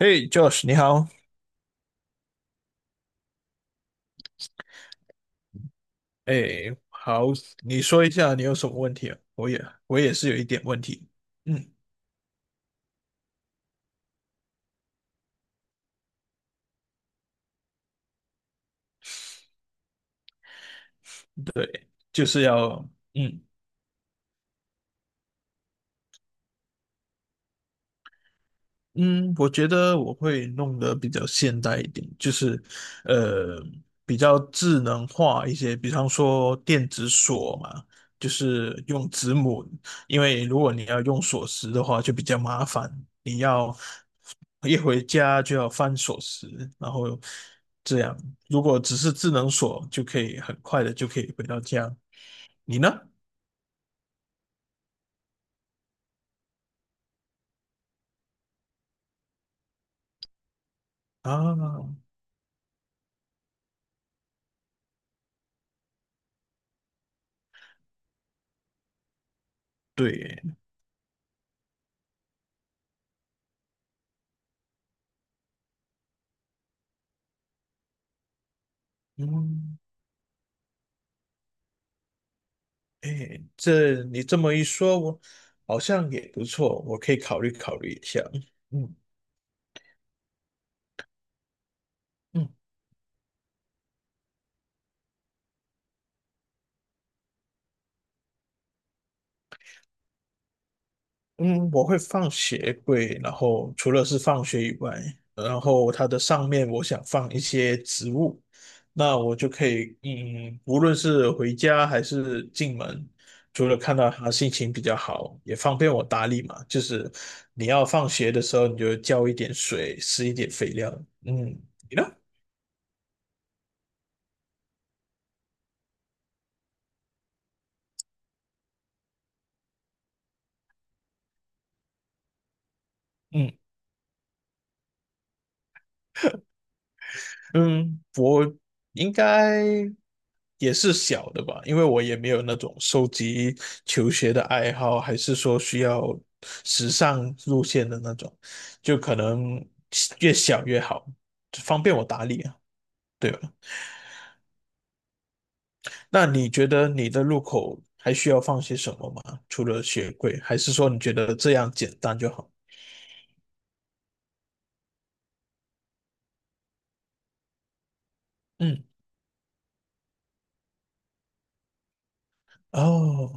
嘿，Josh，你好。哎，好，你说一下你有什么问题啊？我也是有一点问题。嗯，对，就是要嗯嗯，我觉得我会弄得比较现代一点，就是，呃，比较智能化一些，比方说电子锁嘛，就是用指模，因为如果你要用锁匙的话，就比较麻烦，你要一回家就要翻锁匙，然后这样，如果只是智能锁，就可以很快的就可以回到家。你呢？啊，对，嗯。哎，这你这么一说，我好像也不错，我可以考虑考虑一下。嗯嗯，嗯，我会放鞋柜，然后除了是放学以外，然后它的上面我想放一些植物，那我就可以，无论是回家还是进门，除了看到它心情比较好，也方便我打理嘛。就是你要放学的时候，你就浇一点水，施一点肥料。嗯，你呢？嗯嗯。应该也是小的吧，因为我也没有那种收集球鞋的爱好，还是说需要时尚路线的那种，就可能越小越好，方便我打理啊，对吧？那你觉得你的入口还需要放些什么吗？除了鞋柜，还是说你觉得这样简单就好？嗯，哦，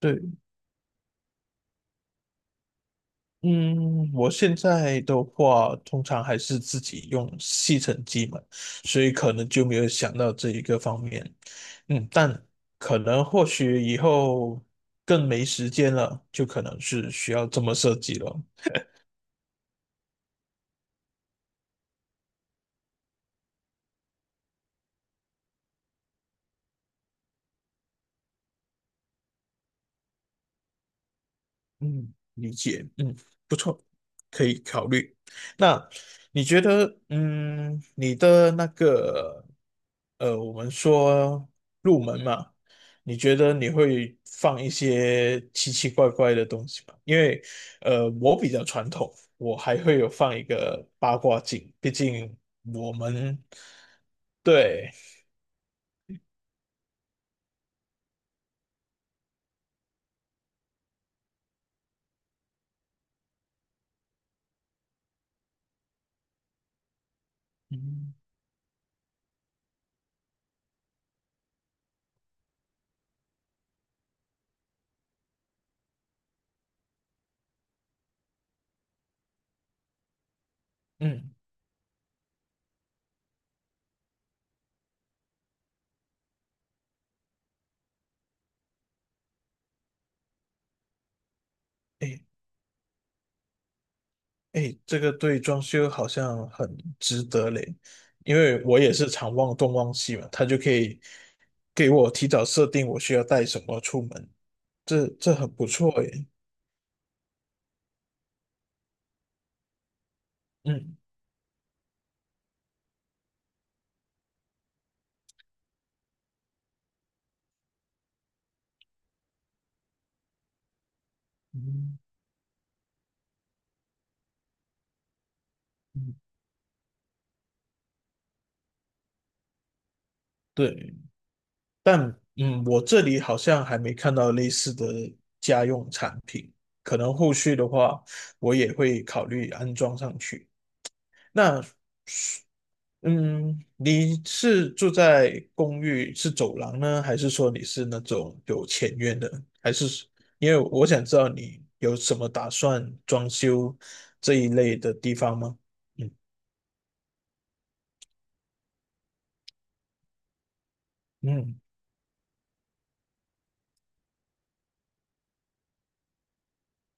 对。嗯，我现在的话，通常还是自己用吸尘机嘛，所以可能就没有想到这一个方面。嗯，但可能或许以后更没时间了，就可能是需要这么设计了。嗯，理解，嗯，不错，可以考虑。那你觉得，嗯，你的那个，我们说入门嘛，你觉得你会放一些奇奇怪怪的东西吗？因为，我比较传统，我还会有放一个八卦镜，毕竟我们对，嗯嗯，诶哎，这个对装修好像很值得嘞，因为我也是常忘东忘西嘛，他就可以给我提早设定我需要带什么出门，这很不错耶。嗯嗯，嗯，对，但我这里好像还没看到类似的家用产品，可能后续的话我也会考虑安装上去。那嗯，你是住在公寓是走廊呢，还是说你是那种有前院的？还是因为我想知道你有什么打算装修这一类的地方吗？嗯嗯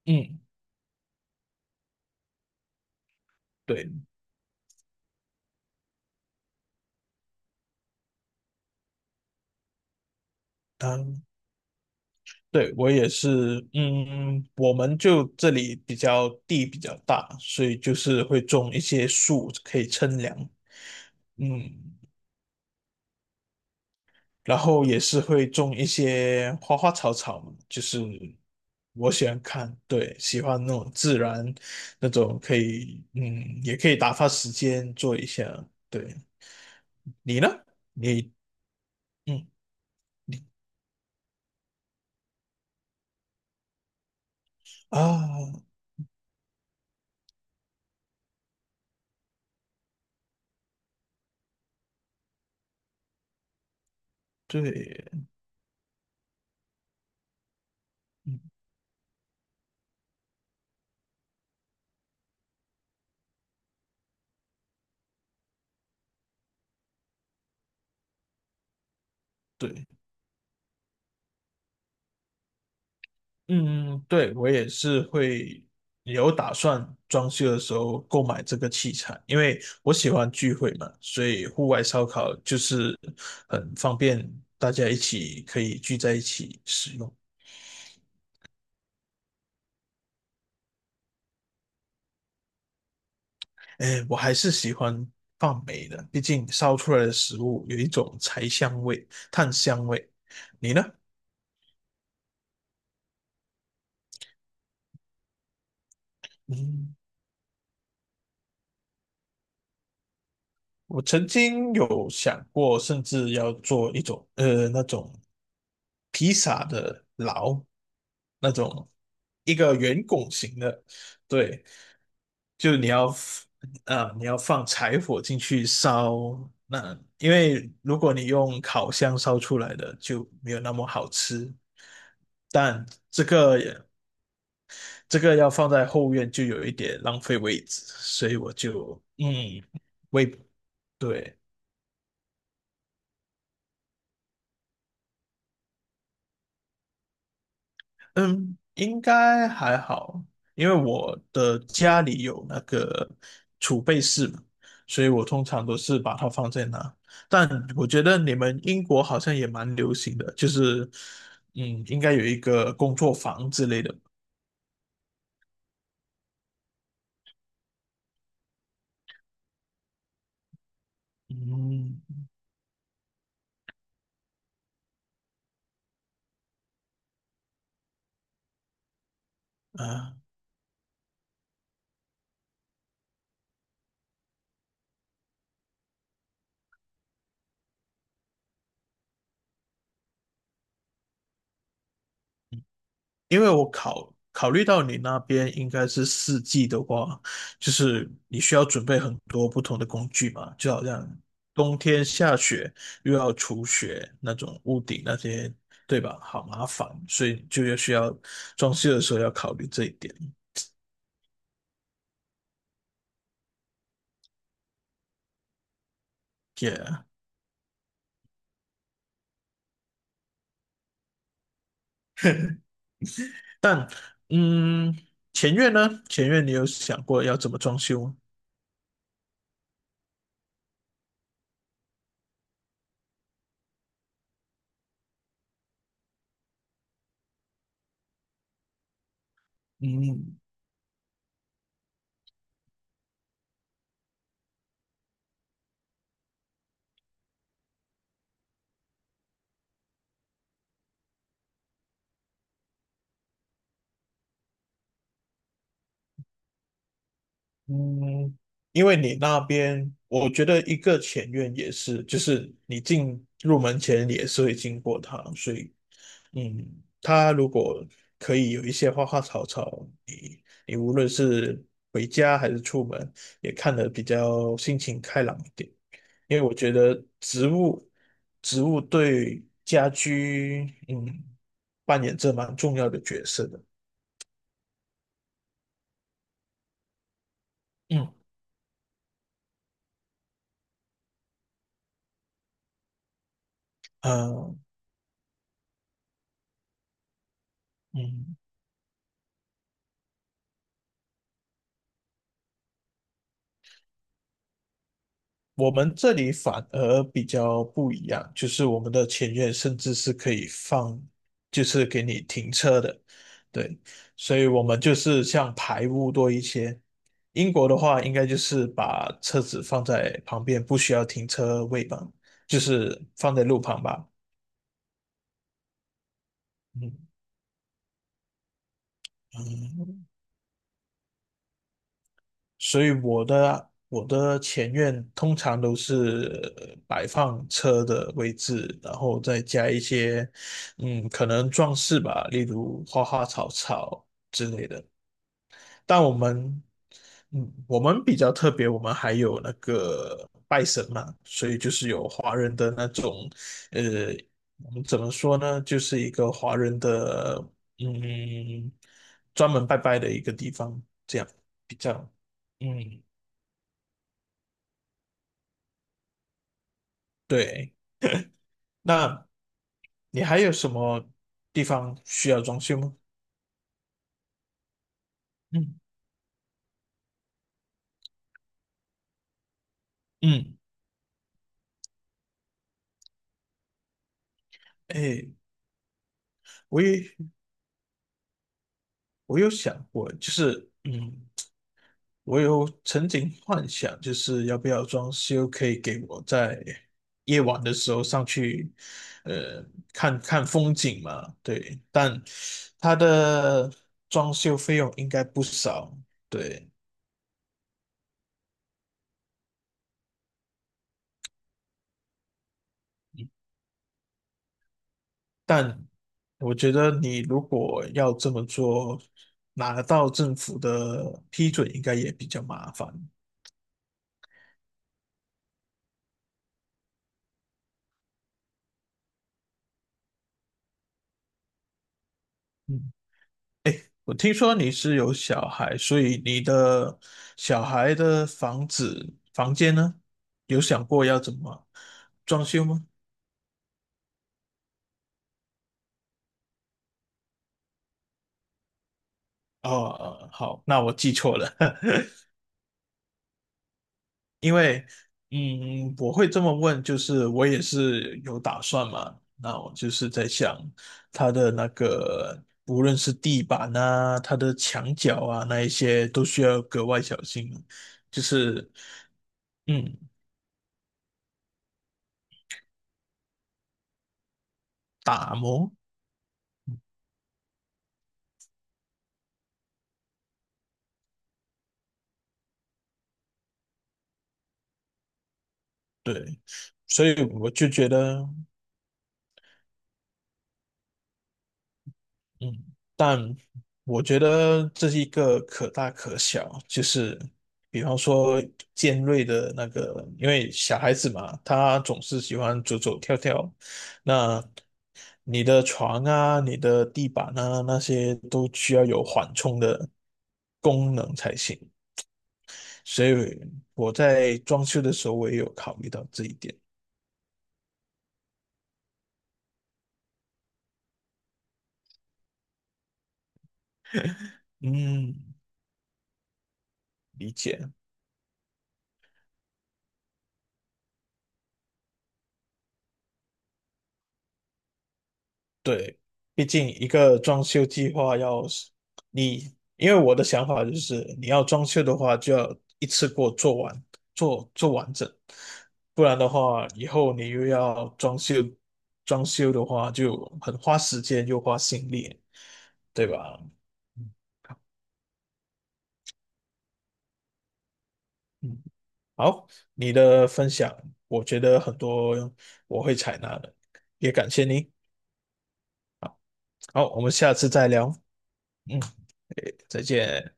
嗯，对，当对我也是，我们就这里比较地比较大，所以就是会种一些树可以乘凉。嗯，然后也是会种一些花花草草嘛，就是我喜欢看，对，喜欢那种自然，那种可以，也可以打发时间做一下。对，你呢？你，嗯啊，对，嗯，对。嗯，对，我也是会有打算装修的时候购买这个器材，因为我喜欢聚会嘛，所以户外烧烤就是很方便，大家一起可以聚在一起使用。哎，我还是喜欢放煤的，毕竟烧出来的食物有一种柴香味、炭香味。你呢？嗯。我曾经有想过，甚至要做一种那种披萨的牢，那种一个圆拱形的，对，就啊、你要放柴火进去烧，那因为如果你用烤箱烧出来的就没有那么好吃，但这个也这个要放在后院就有一点浪费位置，所以我就为对。嗯，应该还好，因为我的家里有那个储备室嘛，所以我通常都是把它放在那。但我觉得你们英国好像也蛮流行的，就是应该有一个工作房之类的。嗯，啊。因为我考虑到你那边应该是四季的话，就是你需要准备很多不同的工具嘛，就好像冬天下雪又要除雪那种屋顶那些，对吧？好麻烦，所以就要需要装修的时候要考虑这一点。Yeah，嗯，前院呢？前院你有想过要怎么装修吗？嗯嗯，因为你那边，我觉得一个前院也是，就是你进入门前你也是会经过它，所以，它如果可以有一些花花草草，你无论是回家还是出门，也看得比较心情开朗一点。因为我觉得植物对家居，嗯，扮演着蛮重要的角色的。嗯，呃，嗯。我们这里反而比较不一样，就是我们的前院甚至是可以放，就是给你停车的，对，所以我们就是像排污多一些。英国的话，应该就是把车子放在旁边，不需要停车位吧，就是放在路旁吧。嗯嗯，所以我的前院通常都是摆放车的位置，然后再加一些，可能装饰吧，例如花花草草之类的。但我们，我们比较特别，我们还有那个拜神嘛，所以就是有华人的那种，呃，我们怎么说呢，就是一个华人的，嗯，专门拜拜的一个地方，这样比较。嗯，对，那你还有什么地方需要装修吗？嗯嗯，哎，我也我有想过，就是我有曾经幻想，就是要不要装修，可以给我在夜晚的时候上去，呃，看看风景嘛。对，但它的装修费用应该不少。对，但我觉得你如果要这么做，拿到政府的批准应该也比较麻烦。嗯，我听说你是有小孩，所以你的小孩的房间呢，有想过要怎么装修吗？哦，哦好，那我记错了。因为，我会这么问，就是我也是有打算嘛。那我就是在想，它的那个无论是地板啊，它的墙角啊，那一些都需要格外小心，就是嗯，打磨。对，所以我就觉得。嗯，但我觉得这是一个可大可小，就是比方说尖锐的那个，因为小孩子嘛，他总是喜欢走走跳跳，那你的床啊、你的地板啊那些都需要有缓冲的功能才行，所以我在装修的时候我也有考虑到这一点。嗯，理解。对，毕竟一个装修计划要是你，因为我的想法就是，你要装修的话，就要一次过做完，做做完整，不然的话，以后你又要装修，装修的话就很花时间又花心力，对吧？嗯，嗯好，你的分享，我觉得很多我会采纳的，也感谢你。好，我们下次再聊。嗯，诶再见。